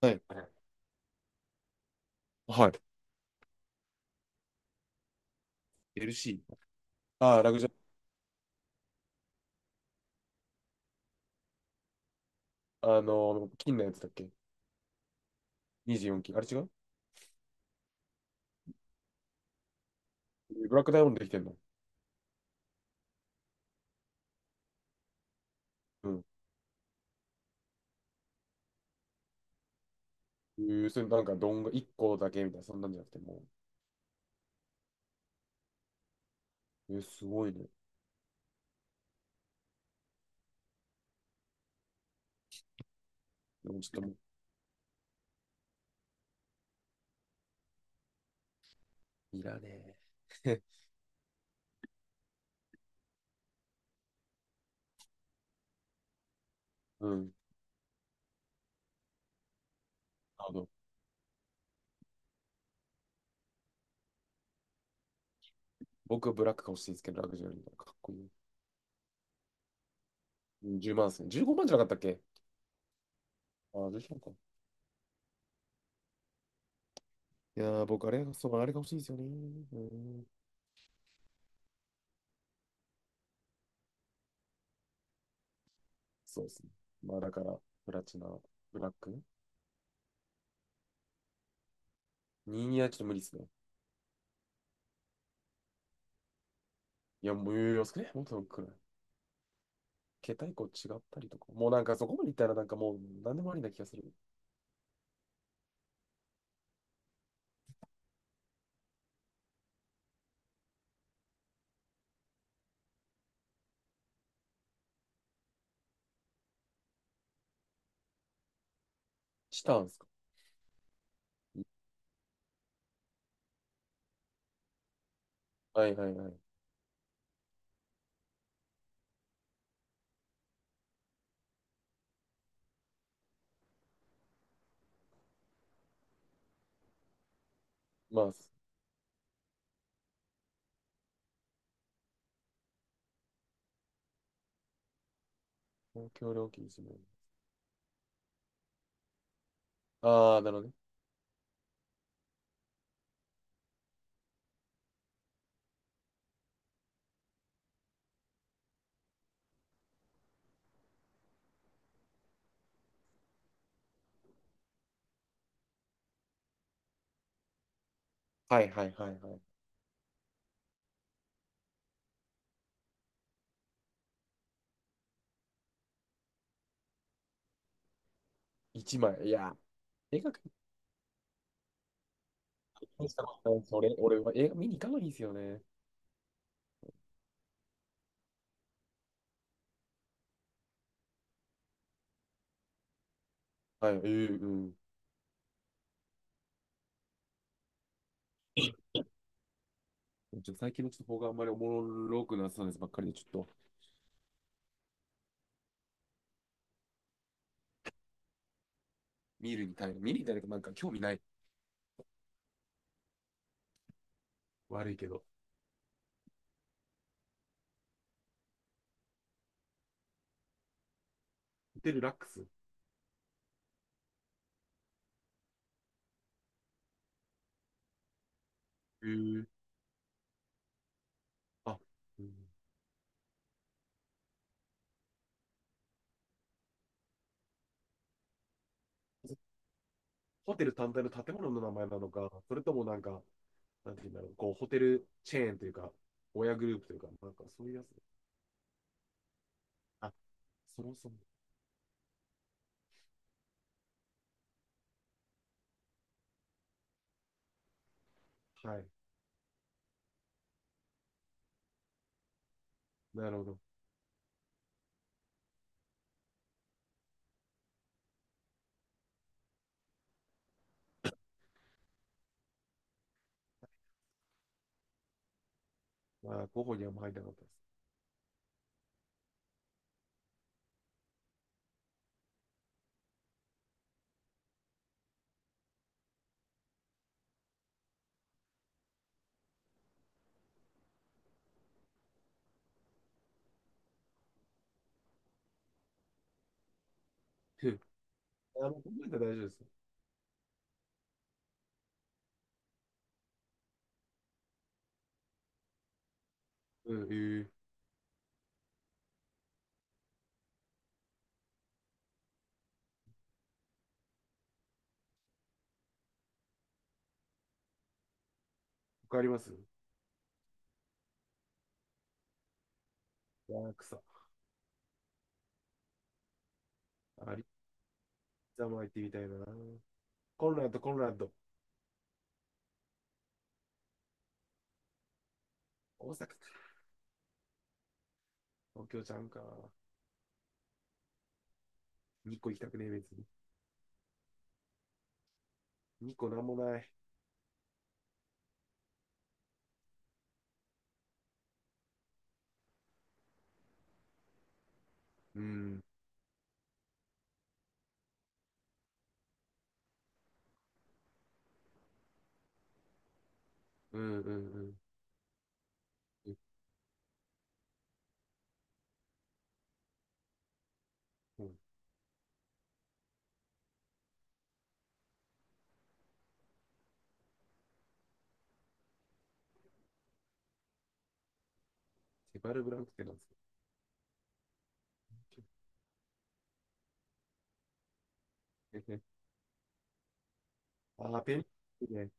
はい。はい。LC。ああ、ラグジュア金のやつだっけ？ 24 金。あれ違う。ブラックダイヤモンドできてんの？うん。えー、それなんか、どんが1個だけみたいな、そんなんじゃなくて、もう、えー、すごいね。でもちょっともう、いらねえ。うん。あの、僕、ブラックが欲しいですけど、ラグジュアリーならかっこいい。うん、10万ですね。15万じゃなかったっけ？ああ、15万か。いやー、僕、あれが、そう、あれが欲しいですよね。うん。そうですね。まあ、だから、プラチナ、ブラック。2にはちょっと無理ですね。いや、もう、余裕ね。もっとくらい。桁一個違ったりとか。もうなんかそこまでいったらなんかもう何でもありな気がする。したんですか？はいはいはい。まあ、公共料金1。ああ、なるほどね。はいはいはいはい。1枚。いや、映画館にしたことないんです、俺、俺は映画見に行かないんですよね。はい、ええ、うん。ちょっと最近のちょっと方があんまりおもろくなさそうですばっかりで、ちょっと見るに耐える。見るに耐えるとなんか興味ない。悪いけど。ホテルラックス。ええ、あ、うん、ホテル単体の建物の名前なのか、それともなんか、なんていうんだろう、こう、ホテルチェーンというか、親グループというか、なんかそういうやつ。あ、そもそも。はい。なるほど。まあ、候補にはあんま入らなかったです。ふう、考えたら大丈夫ですよ。うん、ええ、他あります？ワークサ。ありざま行ってみたいな。コンラッド、コンラッド。大阪か。東京ちゃんか。2個行きたくねえ、別に。2個なんもない。うん、うん、うん、うん。え、うん、セバルブランクってなんですか？ あー、ペンギンね。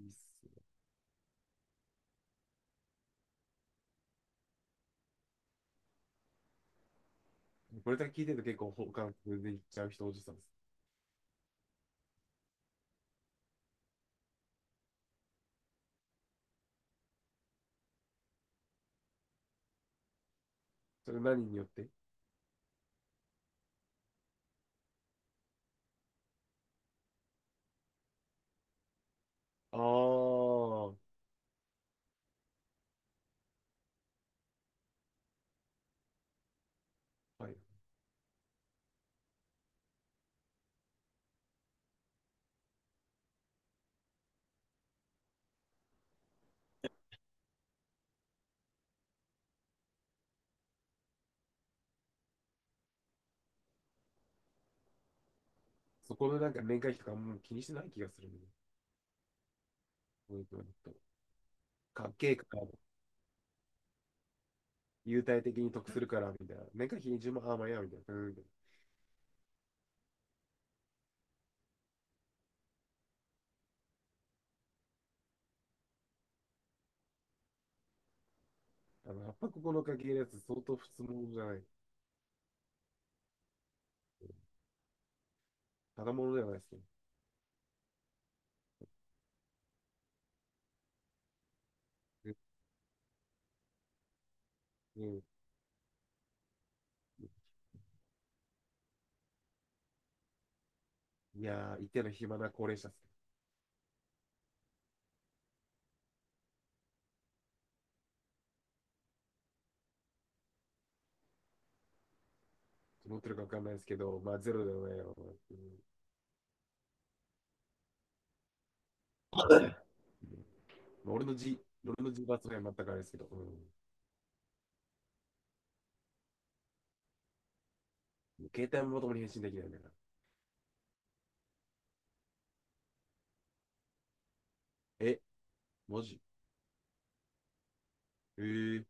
いいっす。これだけ聞いてると結構本感覚でいっちゃう人おじさんです。それ何によって？ああー、はい。そこのなんか年会費とかもう気にしてない気がするね。で、こういうのとかっけえから、優待的に得するから、みたいな。年会費10万、あ、まあいいや、みたいな。うん、みたいな。やっぱここの家系のやつ相当普通物じゃない。ただ物ではないですけど。うん、うん、いやー、一定の暇な高齢者っす。どう思ってるかわかんないですけど、まあゼロではないよ。うん、まあ俺のじ、俺のじ罰は全くあれですけど。うん、携帯もともに返信できないんだから。え、マジ？えー、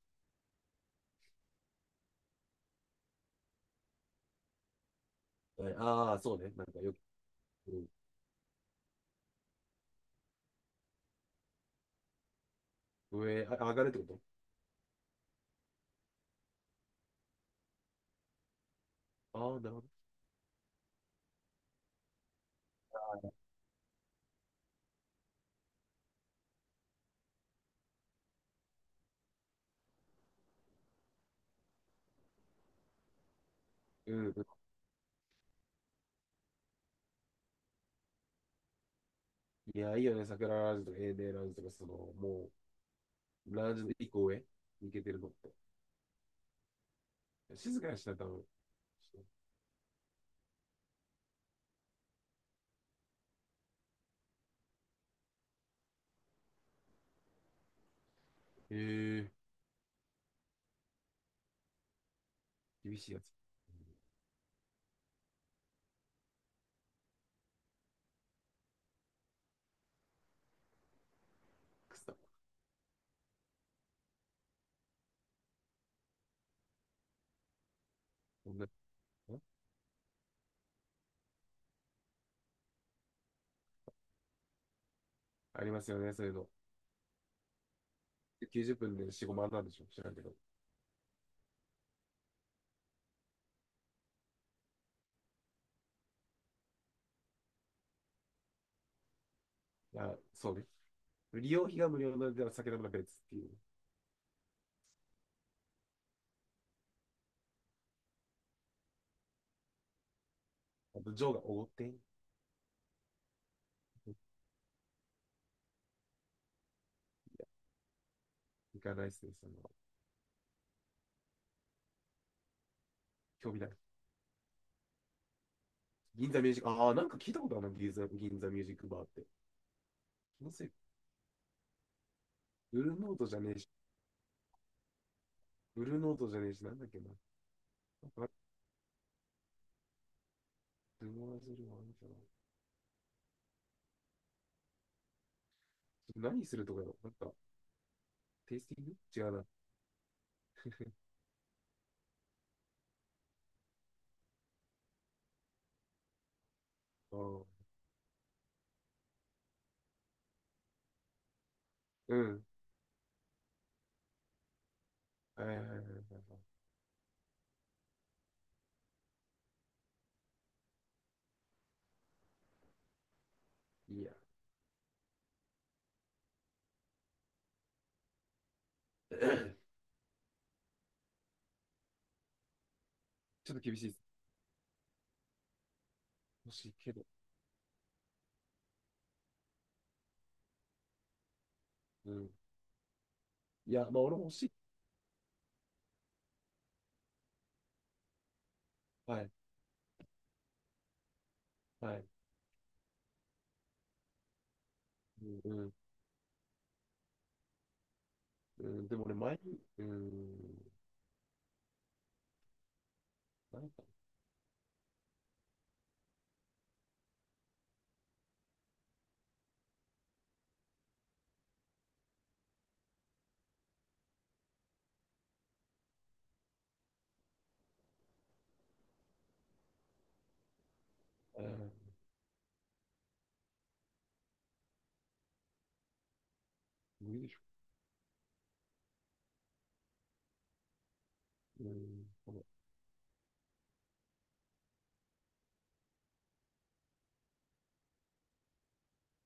ああ、そうね。なんかよく、うん、上、あ、上がるってこと？ああー、なるほど。うん、うん。いや、いいよね。桜ラウンジとか、エーデーラウンジとか、その、もう、ラウンジの一個上、行けてるのって。静かにしたら多分。えー、厳しいやつ。うん、くそ。こんな、ん、ありますよね、そういうの。90分で4、5万なんでしょ、知らんけど。いや、そうね。利用費が無料なのでは、酒飲むのは別っていう。あと、ジョーがおごって、行かないっすね、その、興味ない。銀座ミュージック、ああ、なんか聞いたことあるな、銀座、銀座ミュージックバーって。気のせい、ブルーノートじゃねえし、ブルーノートじゃねえし、なんだっけな。なんか、ルノワズルはあるかな。何するとかよ、なんか、テイスティング違うな。ああ、うん。はいはいはいはいはい。いや、ちょっと厳しいです。欲しいけど。うん。いや、まあ俺も欲しい。はい、はい。うん、うん、うん、でも俺前に、うん、なんか、うん、無理でしょ。うん、この、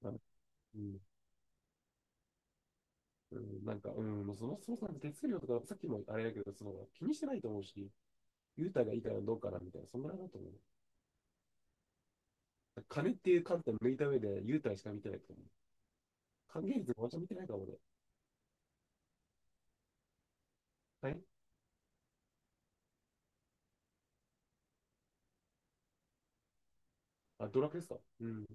あ、うん。うん、そもそもそも手数料とか、さっきもあれだけど、その気にしてないと思うし、優待がいいからどうかなみたいな、そんなのだと思う。金っていう観点を抜いた上で、優待しか見てないと思う。還元率も私見てないかもね。はい。あ、ドラクエですか？うん。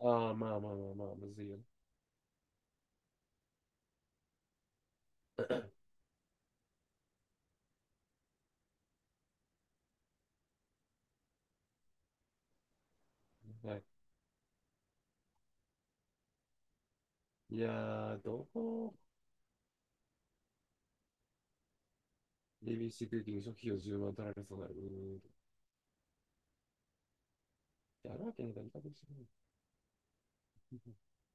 ああ、まあまあまあまあ、むずいよね。はい。いやー、どこ、エー b c クッキング初期費用10万取られそうなる。うーん。やるわけないから、いいかもしれない。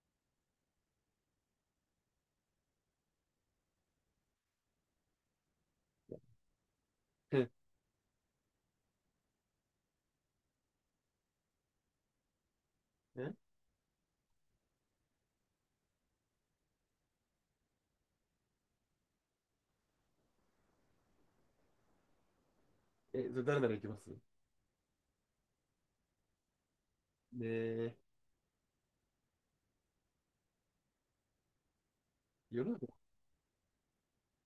いや、 え、え、それ誰なら行きますね？え、世の中、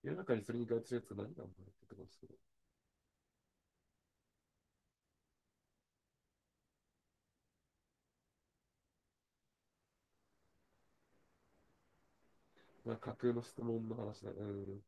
世の中にそれに該当するやつが何が生まれてくるんです？まあ、架空の質問の話だね。うん。